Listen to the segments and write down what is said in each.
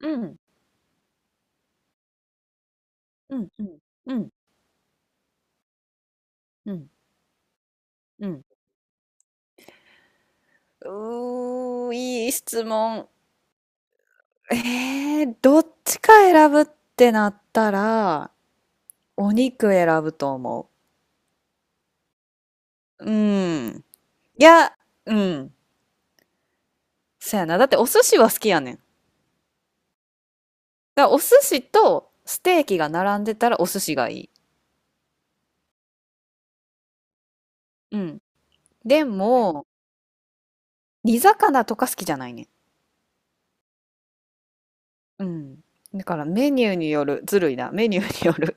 うん、うん、うん、うん、うん、うん。うーいい質問。どっちか選ぶってなったら、お肉選ぶと思う。うん。いや、うん。そやな。だってお寿司は好きやねん。だからお寿司とステーキが並んでたらお寿司がいい。うん。でも、煮魚とか好きじゃないねん。うん。だからメニューによる。ずるいな。メニューによる。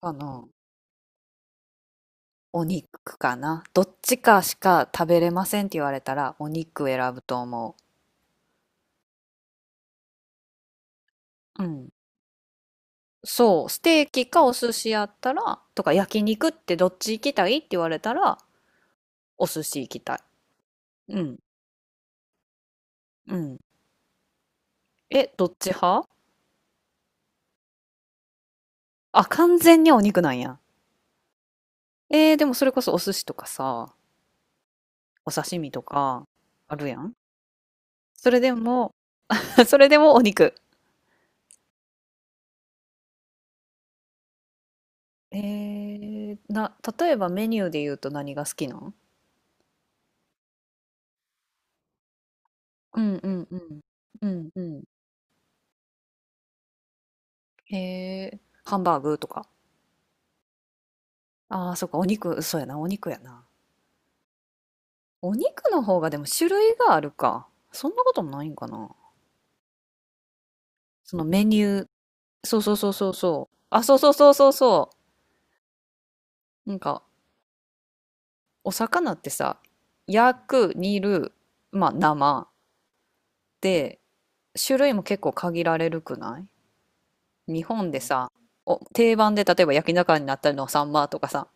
かな。お肉かな。どっちかしか食べれませんって言われたら、お肉選ぶと思う。うん。そう、ステーキかお寿司やったら、とか焼肉ってどっち行きたいって言われたら、お寿司行きたい。うん、うん。え、どっち派？あ、完全にお肉なんや。えー、でもそれこそお寿司とかさ、お刺身とか、あるやん。それでも、それでもお肉。えー、な、例えばメニューで言うと何が好きなん？うんうんうん。うんうん。へえ、ハンバーグとか。ああ、そっか、お肉、そうやな、お肉やな。お肉の方がでも種類があるか。そんなこともないんかな。そのメニュー。そうそうそうそうそう。あ、そうそうそうそうそう。なんか、お魚ってさ、焼く、煮る、まあ、生で、種類も結構限られるくない？日本でさ、お、定番で例えば焼き魚になったりのサンマとかさ、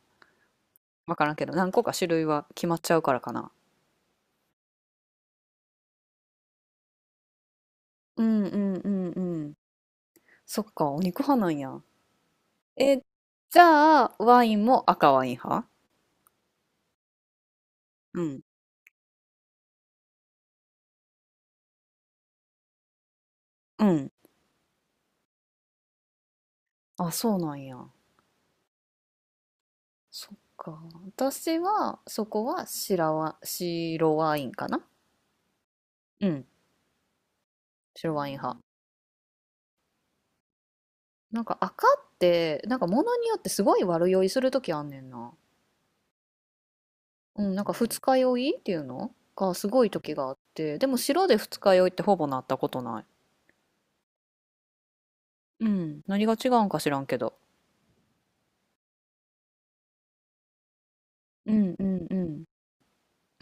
わからんけど、何個か種類は決まっちゃうからかな。うんうんうんうん。そっか、お肉派なんや。え、じゃあ、ワインも赤ワイン派？うん。うん。あ、そうなんや。そっか。私は、そこは白ワインかな。うん。白ワイン派。なんか赤って、なんか物によってすごい悪酔いするときあんねんな。うん、なんか二日酔いっていうのがすごい時があって、でも白で二日酔いってほぼなったことない。うん。何が違うんか知らんけど。うんうんうん。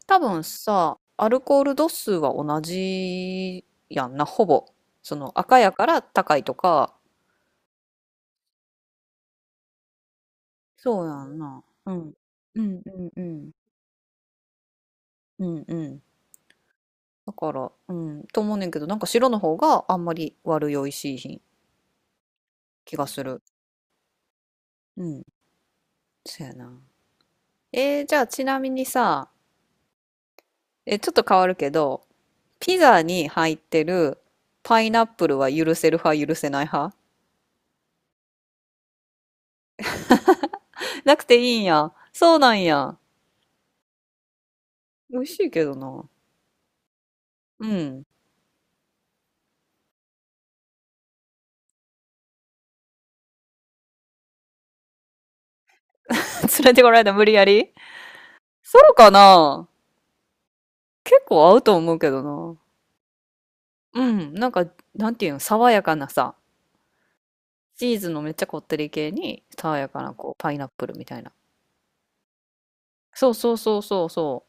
多分さ、アルコール度数は同じやんな、ほぼ。その赤やから高いとか。そうやんな。うん。うんうんうん。うんうん。だから、うん、と思うねんけど、なんか白の方があんまり悪酔いしいひん気がする。うん。そうやな。えー、じゃあちなみにさ、え、ちょっと変わるけど、ピザに入ってるパイナップルは許せる？連れてこられた無理やり。そうかな？結構合うと思うけどな。うん、なんか、なんていうの、爽やかなさ、チーズのめっちゃこってり系に、爽やかなこう、パイナップルみたいな。そうそうそうそうそ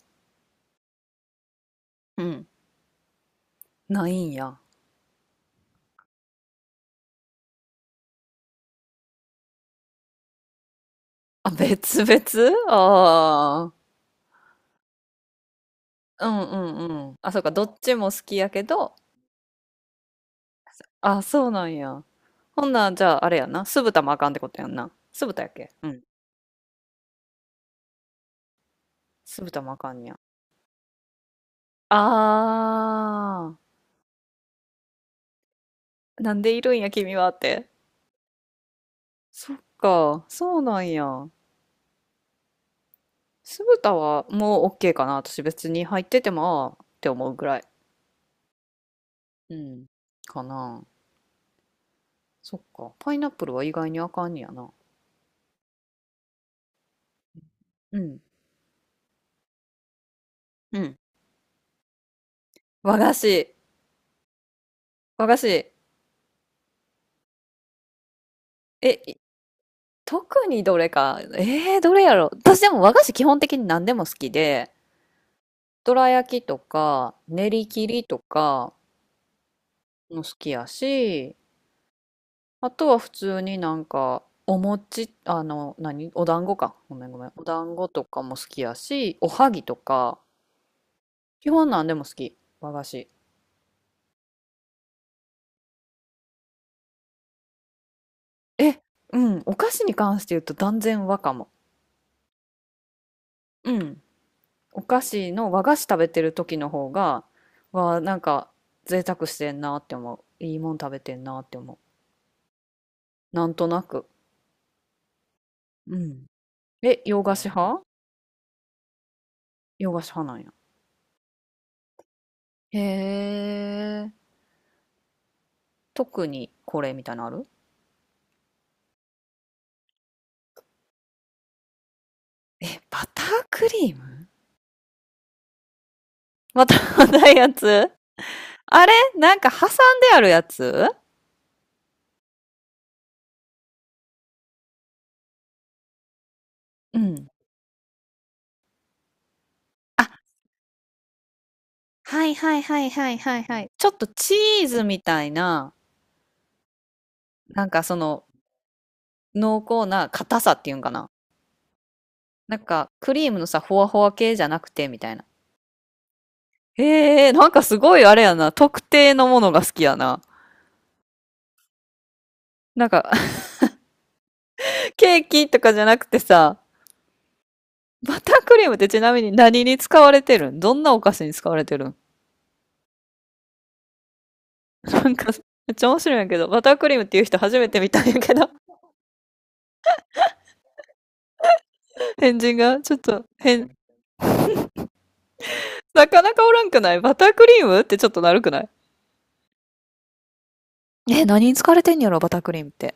う。うん、ないんや。あ、別々ああー。うんうんうん。あ、そうか、どっちも好きやけど、あ、そうなんや。ほんなん、じゃあ、あれやな。酢豚もあかんってことやんな。酢豚やっけ？うん。酢豚もあかんや。ああ。なんでいるんや、君はって。そっか、そうなんや。酢豚はもう OK かな。私別に入っててもああって思うぐらい。うん。かな。そっか。パイナップルは意外にあかんねやな。うん。うん。和菓子。和菓子。え、い特にどれか。えー、どれやろ。私でも和菓子基本的に何でも好きで、どら焼きとか、練り切りとかも好きやし、あとは普通になんか、お餅、あの、何お団子か。ごめんごめん。お団子とかも好きやし、おはぎとか、基本なんでも好き。和菓子。え、うん。お菓子に関して言うと断然和かも。うん。お菓子の和菓子食べてる時の方が、わ、なんか、贅沢してんなって思う。いいもん食べてんなって思う。なんとなく。うん。え、洋菓子派？洋菓子派なんや。へえ。特にこれみたいなのある？え、バタークリーム？またないやつ？あれなんか挟んであるやつ？うん。あ、はいはいはいはいはいはい。ちょっとチーズみたいな、なんかその濃厚な硬さっていうんかな。なんかクリームのさ、ほわほわ系じゃなくてみたいな。へえ、なんかすごいあれやな。特定のものが好きやな。なんか、ケーキとかじゃなくてさ、バタークリームってちなみに何に使われてるん？どんなお菓子に使われてるん？なんか、めっちゃ面白いんやけど、バタークリームっていう人初めて見たんやけど、変人がちょっと変。なかなかおらんくない？バタークリームってちょっとなるくない？え、何に使われてんやろ、バタークリームって。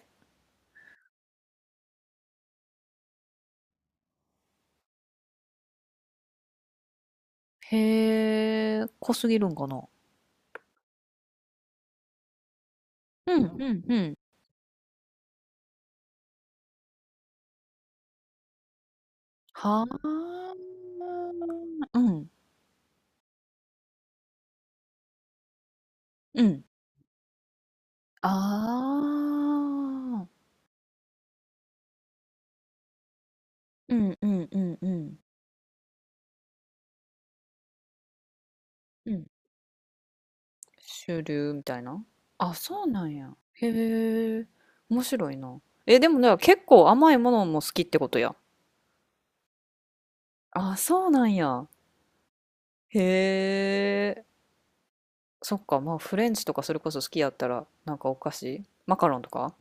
へえ、濃すぎるんかな。うん、うん、うん。はあ、うん、うん。ああ、うん、うん、うん、うん。うん。主流みたいな。あ、そうなんや。へえ、面白いな。え、でもね、結構甘いものも好きってことや。あ、そうなんや。へえ。そっか、まあフレンチとかそれこそ好きやったら、なんかお菓子マカロンとか。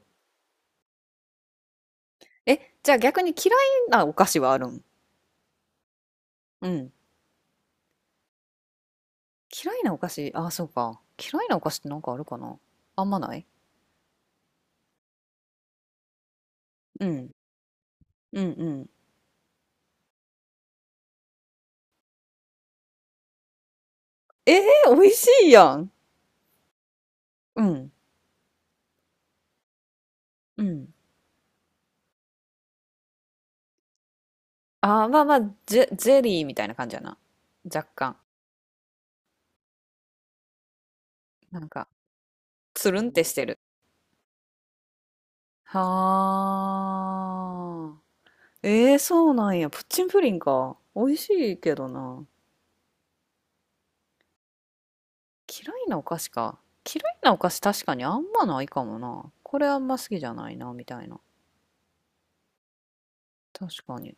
え、じゃあ逆に嫌いなお菓子はあるん？うん。嫌いなお菓子、ああ、そうか。嫌いなお菓子ってなんかあるかな？あんまない。うん。うんうん。ええー、美味しいやん。うん。うん。ああ、まあまあ、ゼゼリーみたいな感じやな。若干。なんか、つるんってしてる。はあ。ええー、そうなんや。プッチンプリンか。美味しいけどな。嫌いなお菓子か。嫌いなお菓子確かにあんまないかもな。これあんま好きじゃないな、みたいな。確かに。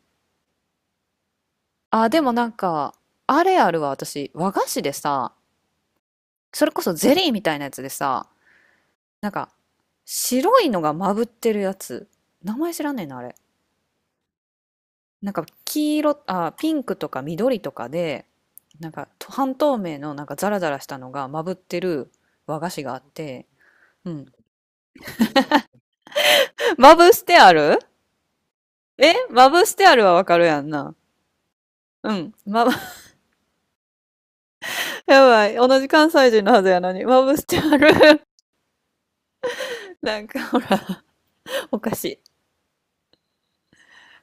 あ、でもなんか、あれあるわ、私。和菓子でさ、それこそゼリーみたいなやつでさ、なんか、白いのがまぶってるやつ。名前知らねえな、あれ。なんか、黄色、あ、ピンクとか緑とかで、なんか、半透明のなんかザラザラしたのがまぶってる和菓子があって、うん。まぶしてある。えまぶしてあるはわかるやんな。うん。ま、やばい。同じ関西人のはずやのに。まぶしてある。なんか、ほら、おかしい。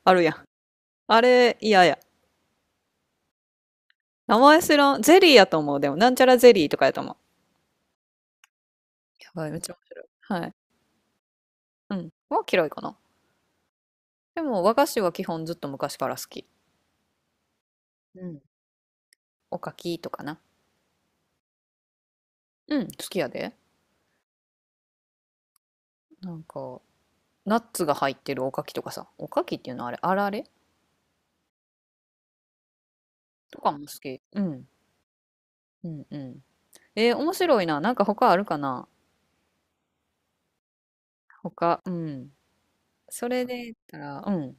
あるやん。あれ、嫌や。名前知らん。ゼリーやと思う。でも、なんちゃらゼリーとかやと思う。やばい、めっちゃ面白い。はい。うん。は嫌いかな。でも、和菓子は基本ずっと昔から好き。うん。おかきとかな。うん、好きやで。なんか、ナッツが入ってるおかきとかさ。おかきっていうのはあれ、あられとかも好き。うん。うんうん。えー面白いな。なんか他あるかな？他、うん。それで言ったら、うん。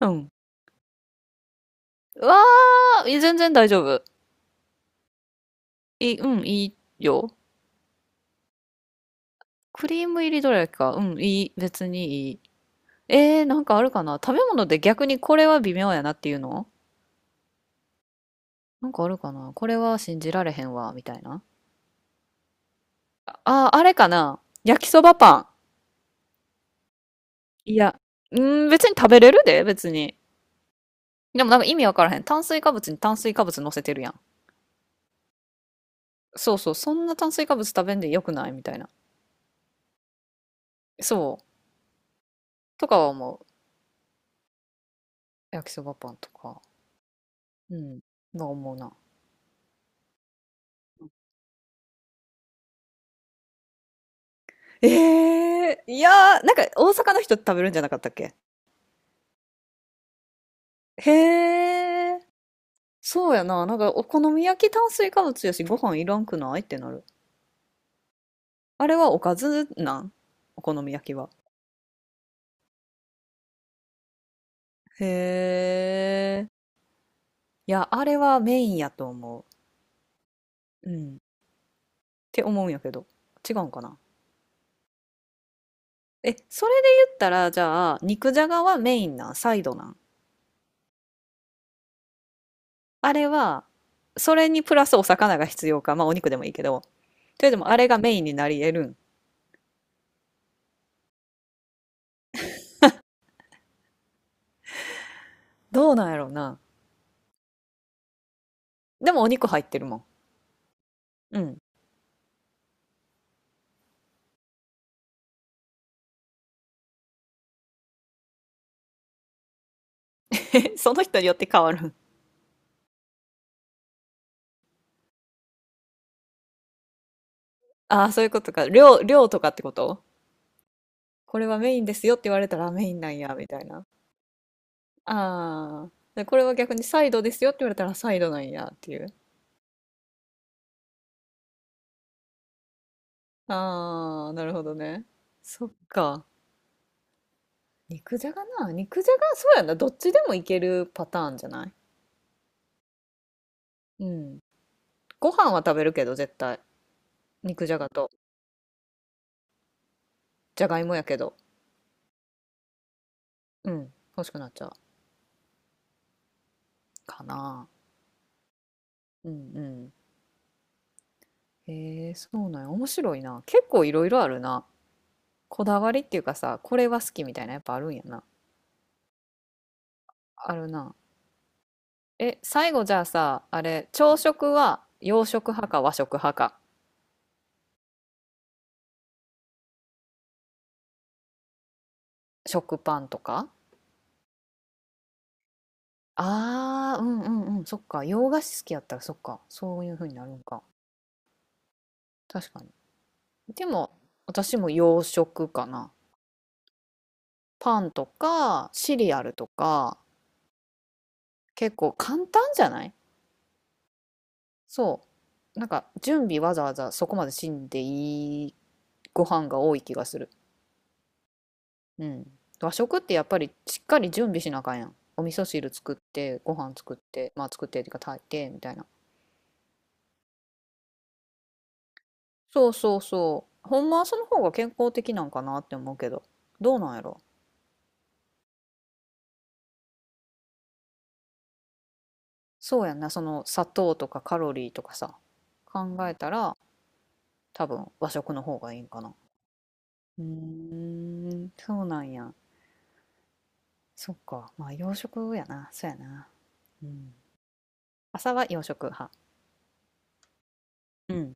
うん。うわー、いや全然大丈夫。いい、うん、いいよ。クリーム入りどれだけか。うん、いい。別にいい。えー、なんかあるかな食べ物で逆にこれは微妙やなっていうの？なんかあるかな？これは信じられへんわ、みたいな。あー、あれかな焼きそばパン。いや、うん、別に食べれるで、別に。でもなんか意味わからへん。炭水化物に炭水化物乗せてるやん。そうそう、そんな炭水化物食べんでよくない？みたいな。そう。とかは思う。焼きそばパンとか。うん。は思うな。ええいやー、なんか大阪の人食べるんじゃなかったっけ？へえ、そうやな。なんかお好み焼き炭水化物やし、ご飯いらんくないってなる。あれはおかずなん？お好み焼きは。へえ、いや、あれはメインやと思う。うん。って思うんやけど。違うんかな。え、それで言ったら、じゃあ、肉じゃがはメインなんサイドなん？あれは、それにプラスお魚が必要か。まあお肉でもいいけど。というでもあれがメインになり得るん？どうなんやろうな。でもお肉入ってるもん。うん。え、その人によって変わる？ああ、そういうことか。量、量とかってこと？これはメインですよって言われたらあメインなんや、みたいな。ああ。で、これは逆にサイドですよって言われたらサイドなんやっていう。ああ、なるほどね。そっか。肉じゃがな。肉じゃが、そうやな。どっちでもいけるパターンじゃない？うん。ご飯は食べるけど、絶対。肉じゃがと。じゃがいもやけど。うん。欲しくなっちゃう。かな。うんうん。へえ、そうなんや。面白いな。結構いろいろあるな。こだわりっていうかさ、これは好きみたいなやっぱあるんやな。あるな。え、最後じゃあさ、あれ、朝食は洋食派か和食派か。食パンとか？ああうんうんうん。そっか。洋菓子好きやったらそっか。そういう風になるんか。確かに。でも、私も洋食かな。パンとか、シリアルとか、結構簡単じゃない？そう。なんか準備わざわざそこまでしんでい。ご飯が多い気がする。うん。和食ってやっぱりしっかり準備しなあかんやん。お味噌汁作って、ご飯作って、まあ作ってっていうか炊いてみたいな。そうそうそう。ほんまはその方が健康的なんかなって思うけど、どうなんやろ。そうやんな、その砂糖とかカロリーとかさ、考えたら多分和食の方がいいんかな。うーん、そうなんや。そっか。まあ洋食やな。そうやな。うん。朝は洋食派。うん。